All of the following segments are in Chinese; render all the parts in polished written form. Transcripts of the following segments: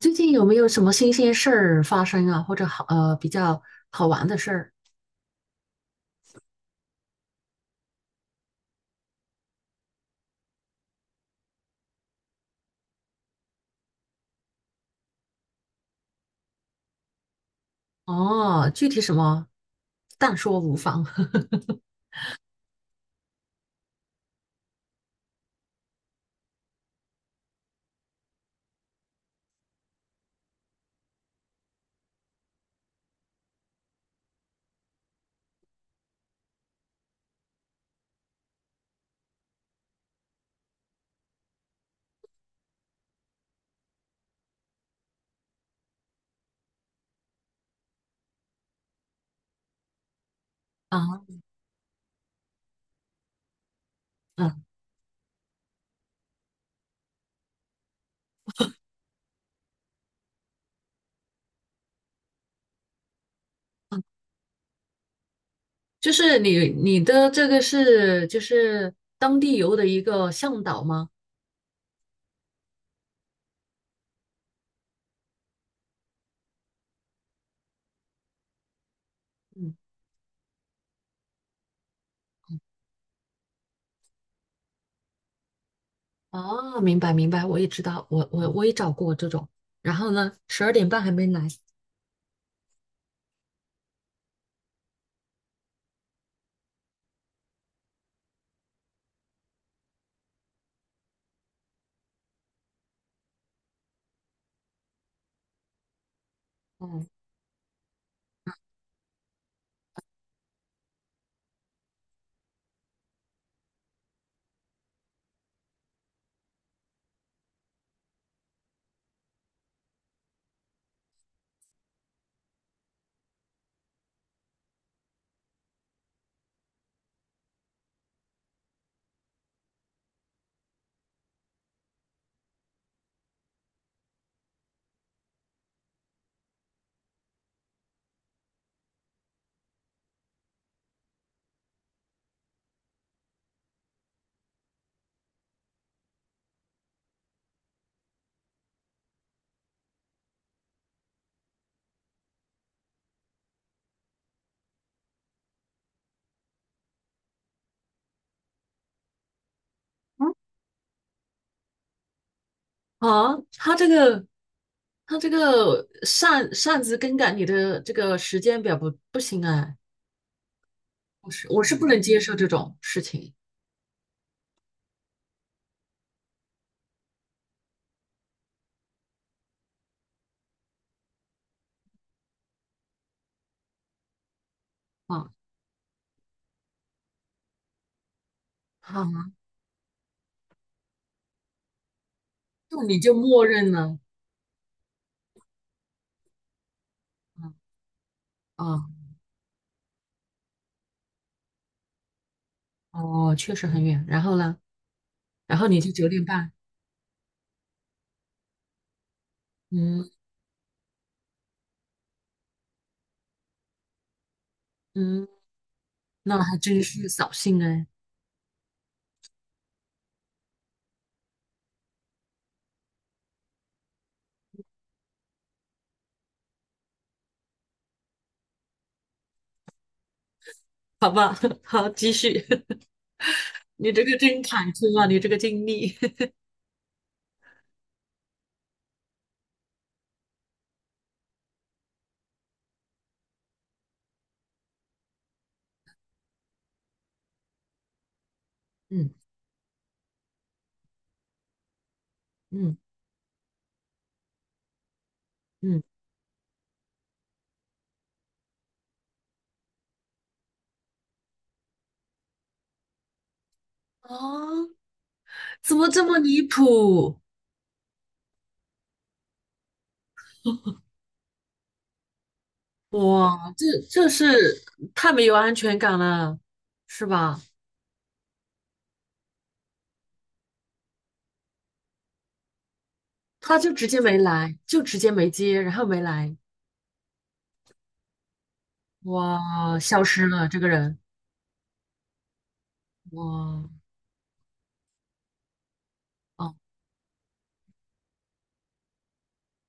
最近有没有什么新鲜事儿发生啊，或者比较好玩的事儿？哦，具体什么，但说无妨。啊，嗯，就是你的这个是就是当地游的一个向导吗？嗯，哦，明白明白，我也知道，我也找过这种。然后呢，12点半还没来。嗯嗯啊，他这个擅自更改你的这个时间表不行哎、我是不能接受这种事情啊啊，你就默认了，啊啊哦，确实很远。然后呢，然后你就9点半，嗯嗯，那还真是扫兴哎。好吧，好，继续。你这个真坎坷啊，你这个经历，嗯嗯嗯，啊，怎么这么离谱？哇，这是太没有安全感了，是吧？他就直接没来，就直接没接，然后没来。哇，消失了这个人，哇，哦，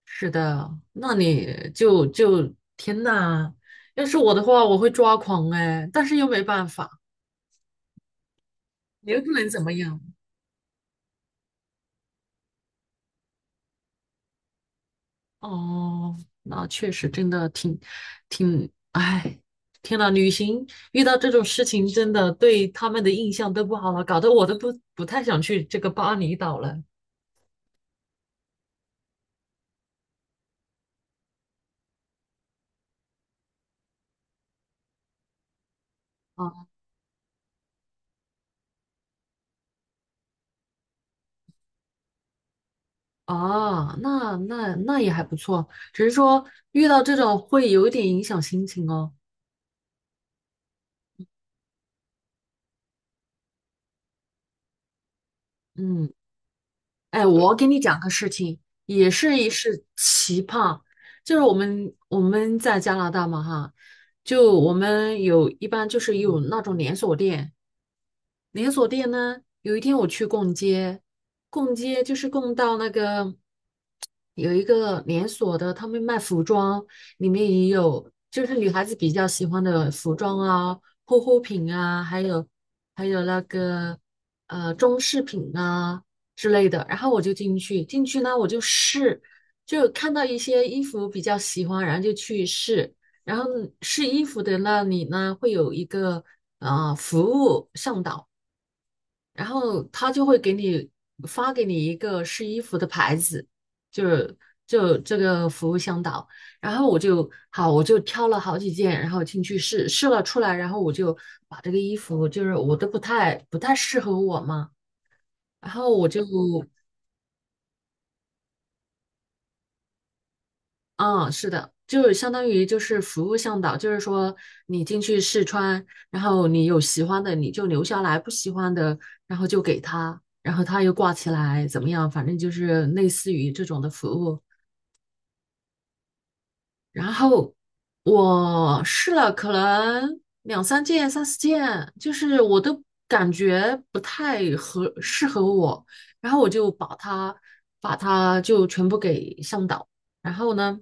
是的，那你就天呐，要是我的话，我会抓狂哎，但是又没办法，你又不能怎么样。哦，那确实真的挺，哎，天呐，旅行遇到这种事情，真的对他们的印象都不好了，搞得我都不太想去这个巴厘岛了。啊啊，那也还不错，只是说遇到这种会有一点影响心情哦。嗯，哎，我给你讲个事情，也是奇葩，就是我们在加拿大嘛哈，就我们有一般就是有那种连锁店，连锁店呢，有一天我去逛街，逛街就是逛到那个。有一个连锁的，他们卖服装，里面也有，就是女孩子比较喜欢的服装啊、护肤品啊，还有那个装饰品啊之类的。然后我就进去，进去呢我就试，就看到一些衣服比较喜欢，然后就去试。然后试衣服的那里呢，会有一个服务向导。然后他就会发给你一个试衣服的牌子，就是就这个服务向导。然后我就挑了好几件，然后进去试试了出来，然后我就把这个衣服就是我都不太适合我嘛，然后我就嗯，是的，就是相当于就是服务向导，就是说你进去试穿，然后你有喜欢的你就留下来，不喜欢的然后就给他，然后他又挂起来，怎么样？反正就是类似于这种的服务。然后我试了可能两三件、三四件，就是我都感觉不太合适合我，然后我就把它就全部给向导。然后呢，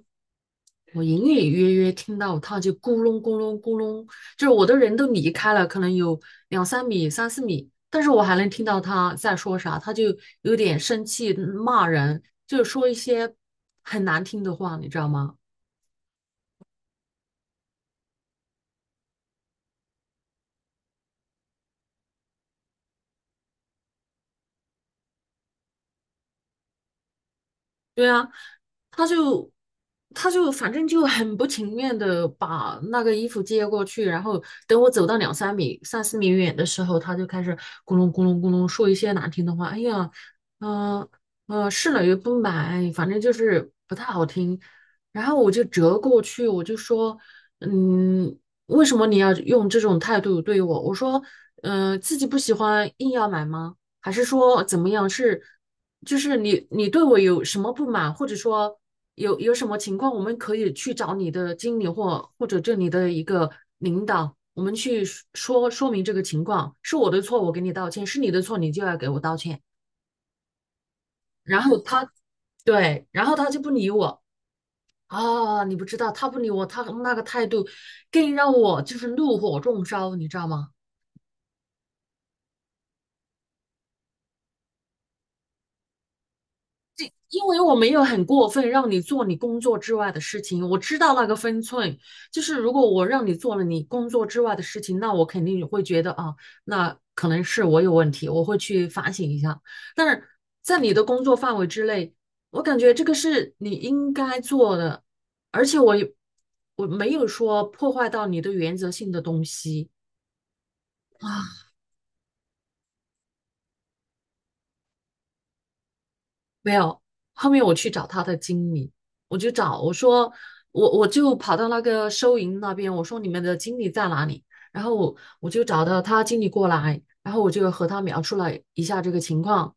我隐隐约约听到他就咕隆咕隆咕隆，就是我的人都离开了，可能有两三米、三四米，但是我还能听到他在说啥，他就有点生气骂人，就是说一些很难听的话，你知道吗？对啊，他就他就反正就很不情愿的把那个衣服接过去，然后等我走到两三米、三四米远的时候，他就开始咕隆咕隆咕隆说一些难听的话。哎呀，嗯、嗯，试了又不买，反正就是不太好听。然后我就折过去，我就说，嗯，为什么你要用这种态度对我？我说，自己不喜欢硬要买吗？还是说怎么样？是？就是你对我有什么不满，或者说有什么情况，我们可以去找你的经理或者这里的一个领导，我们去说明这个情况，是我的错，我给你道歉，是你的错，你就要给我道歉。然后他，对，然后他就不理我啊，你不知道，他不理我，他那个态度更让我就是怒火中烧，你知道吗？因为我没有很过分让你做你工作之外的事情，我知道那个分寸。就是如果我让你做了你工作之外的事情，那我肯定会觉得啊，那可能是我有问题，我会去反省一下。但是在你的工作范围之内，我感觉这个是你应该做的，而且我没有说破坏到你的原则性的东西。啊。没有，后面我去找他的经理，我说我就跑到那个收银那边，我说你们的经理在哪里？然后我就找到他经理过来，然后我就和他描述了一下这个情况，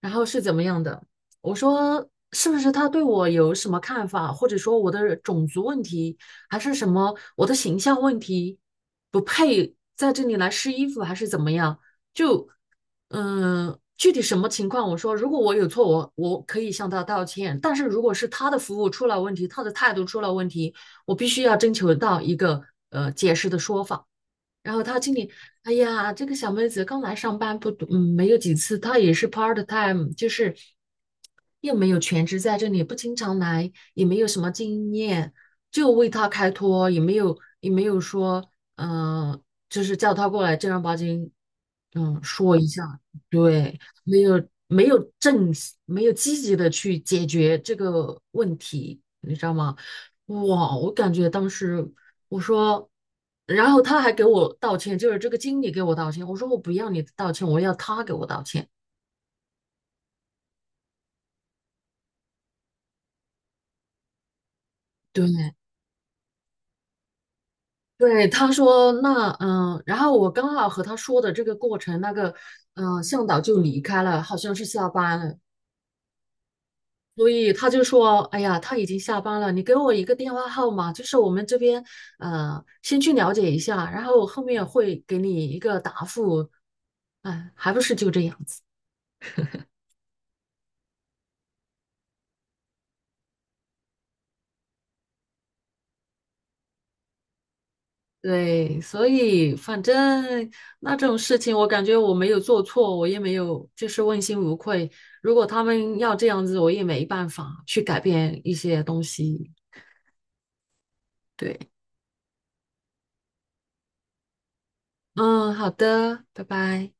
然后是怎么样的？我说是不是他对我有什么看法，或者说我的种族问题，还是什么我的形象问题，不配在这里来试衣服，还是怎么样？就。嗯，具体什么情况？我说，如果我有错，我可以向他道歉。但是如果是他的服务出了问题，他的态度出了问题，我必须要征求到一个解释的说法。然后他经理，哎呀，这个小妹子刚来上班不多，嗯，没有几次，她也是 part time，就是又没有全职在这里，不经常来，也没有什么经验，就为她开脱，也没有说，嗯、就是叫她过来正儿八经，说一下，对，没有积极的去解决这个问题，你知道吗？哇，我感觉当时我说，然后他还给我道歉，就是这个经理给我道歉。我说我不要你的道歉，我要他给我道歉。对，对，他说那然后我刚好和他说的这个过程，那个向导就离开了，好像是下班了，所以他就说，哎呀，他已经下班了，你给我一个电话号码，就是我们这边先去了解一下，然后我后面会给你一个答复。哎，还不是就这样子。对，所以反正那这种事情，我感觉我没有做错，我也没有就是问心无愧。如果他们要这样子，我也没办法去改变一些东西。对，嗯，好的，拜拜。